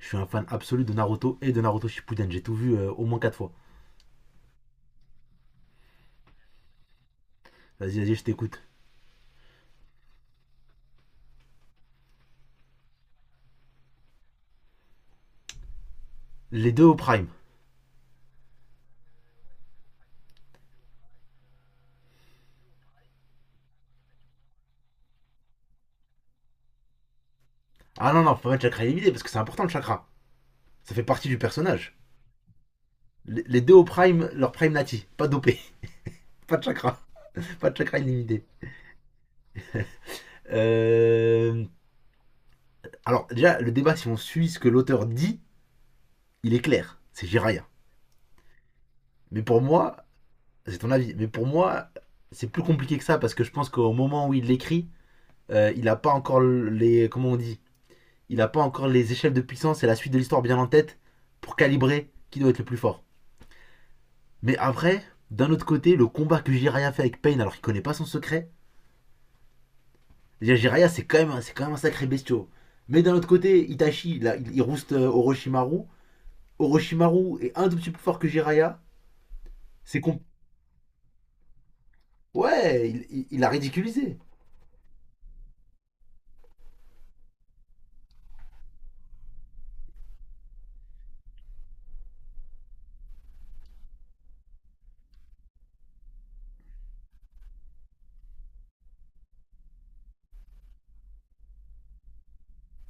Je suis un fan absolu de Naruto et de Naruto Shippuden. J'ai tout vu au moins 4 fois. Vas-y, vas-y, je t'écoute. Les deux au prime. Ah non, non, faut pas mettre chakra illimité parce que c'est important le chakra. Ça fait partie du personnage. Les deux au prime, leur prime nati. Pas dopé. pas de chakra. Pas de chakra illimité. Euh, Alors, déjà, le débat, si on suit ce que l'auteur dit, il est clair. C'est Jiraiya. Mais pour moi, c'est ton avis, mais pour moi, c'est plus compliqué que ça parce que je pense qu'au moment où il l'écrit, il n'a pas encore les. Comment on dit? Il n'a pas encore les échelles de puissance et la suite de l'histoire bien en tête pour calibrer qui doit être le plus fort. Mais après, d'un autre côté, le combat que Jiraya fait avec Pain alors qu'il connaît pas son secret. Déjà, Jiraya, c'est quand même un sacré bestiau. Mais d'un autre côté, Itachi, là, il rouste Orochimaru. Orochimaru est un tout petit peu plus fort que Jiraya. C'est qu'on Ouais, il a ridiculisé.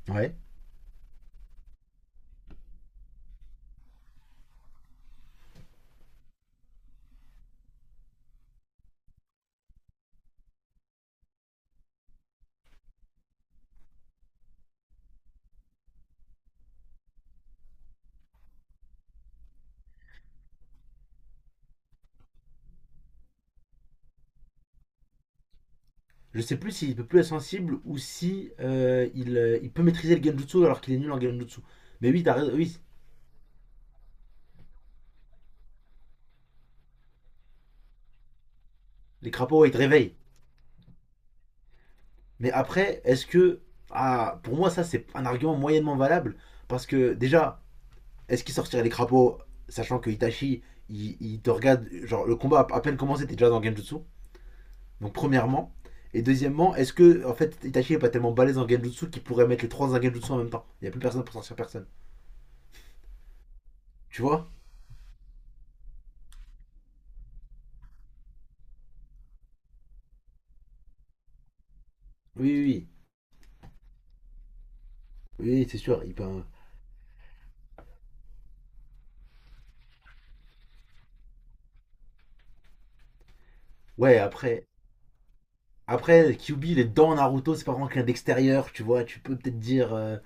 Ouais. Je sais plus s'il peut plus être sensible ou si il peut maîtriser le Genjutsu alors qu'il est nul en Genjutsu. Mais oui, t'as raison, oui. Les crapauds, ouais, ils te réveillent. Mais après, est-ce que. Ah, pour moi, ça, c'est un argument moyennement valable. Parce que, déjà, est-ce qu'il sortirait les crapauds, sachant que Itachi, il te regarde. Genre, le combat a à peine commencé, t'es déjà dans Genjutsu. Donc, premièrement. Et deuxièmement, est-ce que, en fait, Itachi est pas tellement balèze en Genjutsu qu'il pourrait mettre les trois en Genjutsu en même temps? Il n'y a plus personne pour sortir personne. Tu vois. Oui, oui, oui. Oui, oui, c'est sûr. Il peut, hein. Ouais, après. Après, Kyubi, il est dans Naruto, c'est pas vraiment quelqu'un d'extérieur, tu vois. Tu peux peut-être dire.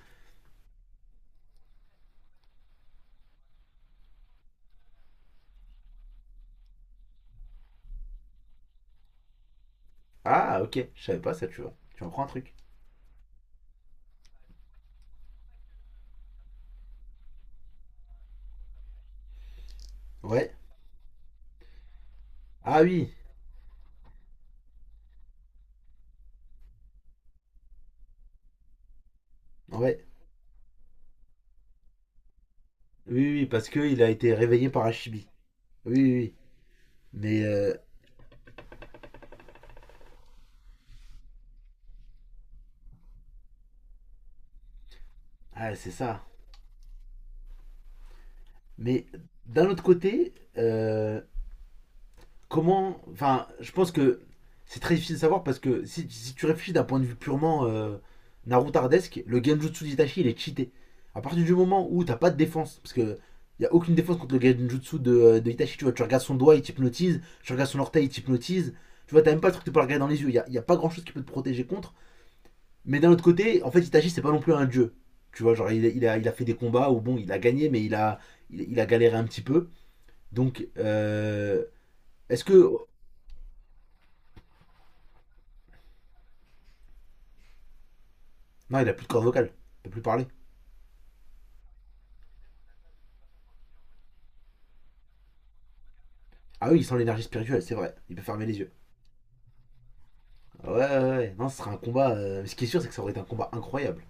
Ah, ok, je savais pas ça, tu vois. Tu en prends un truc. Ouais. Ah oui, ouais. Oui, oui, parce qu'il a été réveillé par Hachibi. Oui, oui, oui. Mais, ah, c'est ça. Mais d'un autre côté, comment. Enfin, je pense que c'est très difficile de savoir parce que si tu réfléchis d'un point de vue purement narutardesque, le Genjutsu d'Itachi, il est cheaté. À partir du moment où t'as pas de défense, parce que y a aucune défense contre le Genjutsu de, de Itachi, tu vois, tu regardes son doigt, il t'hypnotise, tu regardes son orteil, il t'hypnotise, tu vois, t'as même pas le truc de pas le regarder dans les yeux, y a pas grand chose qui peut te protéger contre. Mais d'un autre côté, en fait, Itachi, c'est pas non plus un dieu. Tu vois, genre, il a fait des combats où, bon, il a gagné, mais il a galéré un petit peu. Donc, est-ce que. Non, il a plus de corde vocale. Il peut plus parler. Ah oui, il sent l'énergie spirituelle, c'est vrai. Il peut fermer les yeux. Ouais, ouais, ouais. Non, ce sera un combat. Ce qui est sûr, c'est que ça aurait été un combat incroyable.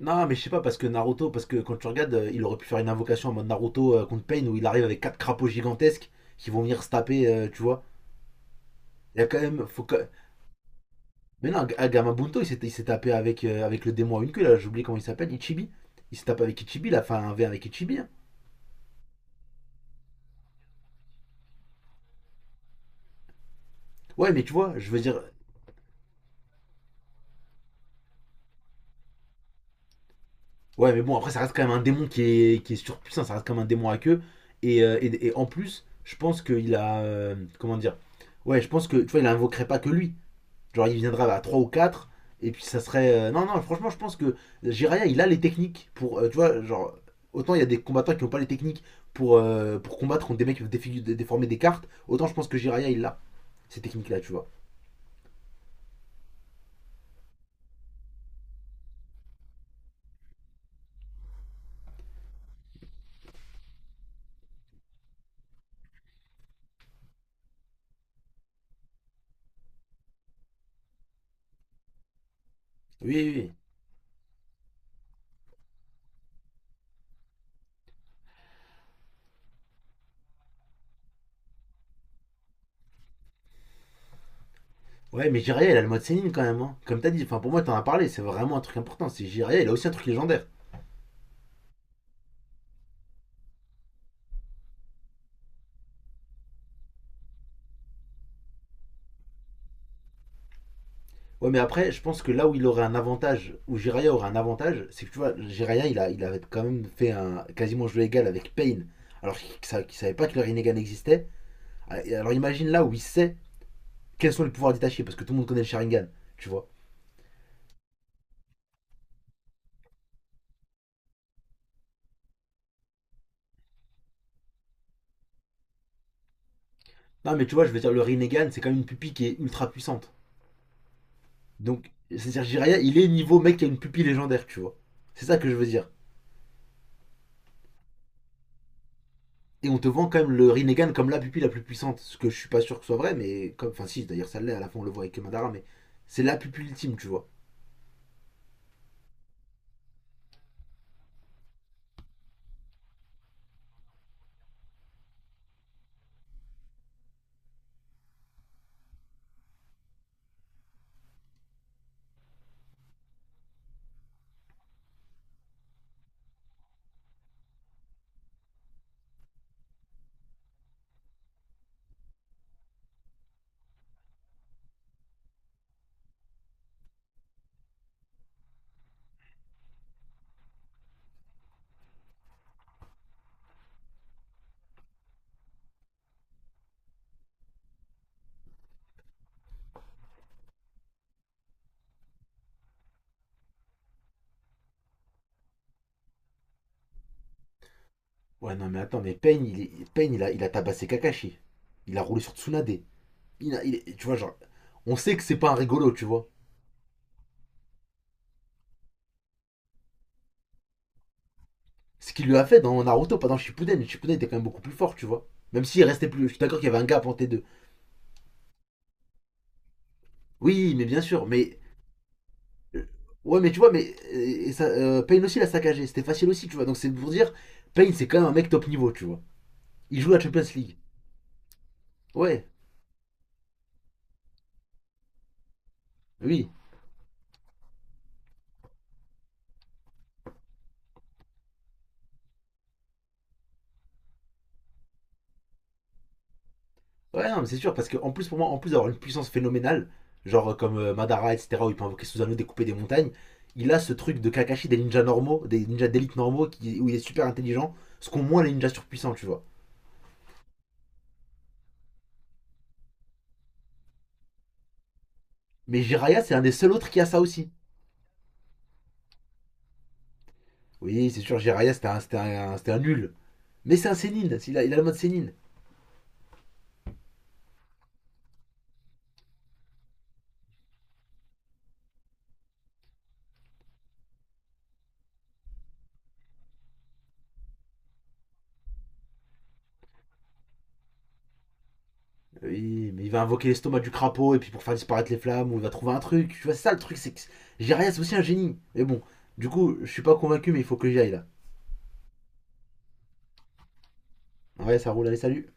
Non, mais je sais pas, parce que Naruto, parce que quand tu regardes, il aurait pu faire une invocation en mode Naruto contre Pain où il arrive avec quatre crapauds gigantesques qui vont venir se taper, tu vois. Il y a quand même. Mais non, Gamabunto, il s'est tapé avec, avec le démon à une queue, là, j'ai oublié comment il s'appelle, Ichibi. Il s'est tapé avec Ichibi, il a fait un verre avec Ichibi. Hein. Ouais, mais tu vois, je veux dire. Ouais, mais bon, après, ça reste quand même un démon qui est surpuissant, ça reste comme un démon à queue. Et, en plus, je pense qu'il a. Comment dire? Ouais, je pense que, tu vois, il invoquerait pas que lui. Genre, il viendra à 3 ou quatre. Et puis, ça serait. Non, non, franchement, je pense que Jiraya, il a les techniques pour. Tu vois, genre, autant il y a des combattants qui n'ont pas les techniques pour combattre contre des mecs qui peuvent déformer des cartes. Autant je pense que Jiraya, il a ces techniques-là, tu vois. Oui, oui, oui. Ouais, mais Jiraya, il a le mode Sénine quand même. Hein. Comme t'as dit, enfin, pour moi, t'en as parlé, c'est vraiment un truc important. C'est Jiraya, il a aussi un truc légendaire. Ouais, mais après, je pense que là où il aurait un avantage, où Jiraya aurait un avantage, c'est que tu vois, Jiraya, il avait quand même fait un quasiment jeu égal avec Pain alors qu'il savait pas que le Rinnegan existait. Alors imagine là où il sait quels sont les pouvoirs détachés, parce que tout le monde connaît le Sharingan, tu vois. Non, mais tu vois, je veux dire, le Rinnegan, c'est quand même une pupille qui est ultra puissante. Donc, c'est-à-dire, Jiraya, il est niveau mec qui a une pupille légendaire, tu vois. C'est ça que je veux dire. Et on te vend quand même le Rinnegan comme la pupille la plus puissante, ce que je suis pas sûr que ce soit vrai, mais comme, enfin si, d'ailleurs ça l'est, à la fin on le voit avec Madara, mais c'est la pupille ultime, tu vois. Ouais, non, mais attends, mais Pain, il, est- Pain, il a tabassé Kakashi. Il a roulé sur Tsunade. Il a- il est- tu vois, genre, on sait que c'est pas un rigolo, tu vois. Ce qu'il lui a fait dans Naruto, pas dans Shippuden. Shippuden était quand même beaucoup plus fort, tu vois. Même s'il restait plus. Je suis d'accord qu'il y avait un gap entre les deux. Oui, mais bien sûr, mais. Ouais, mais tu vois, mais. Et ça, Pain aussi l'a saccagé. C'était facile aussi, tu vois. Donc c'est pour dire, Pain, c'est quand même un mec top niveau, tu vois. Il joue la Champions League. Ouais, oui. Ouais, non, mais c'est sûr, parce que en plus, pour moi, en plus d'avoir une puissance phénoménale, genre comme Madara, etc., où il peut invoquer Susanoo, découper des montagnes, il a ce truc de Kakashi, des ninjas normaux, des ninjas d'élite normaux, qui, où il est super intelligent, ce qu'ont moins les ninjas surpuissants, tu vois. Mais Jiraiya, c'est un des seuls autres qui a ça aussi. Oui, c'est sûr, Jiraiya, c'était un nul. Mais c'est un sénine, il a le mode sénine. Oui, mais il va invoquer l'estomac du crapaud, et puis pour faire disparaître les flammes, ou il va trouver un truc. Tu vois, c'est ça le truc, c'est que Jiraiya, c'est aussi un génie. Mais bon, du coup, je suis pas convaincu, mais il faut que j'y aille là. Ouais, ça roule, allez, salut.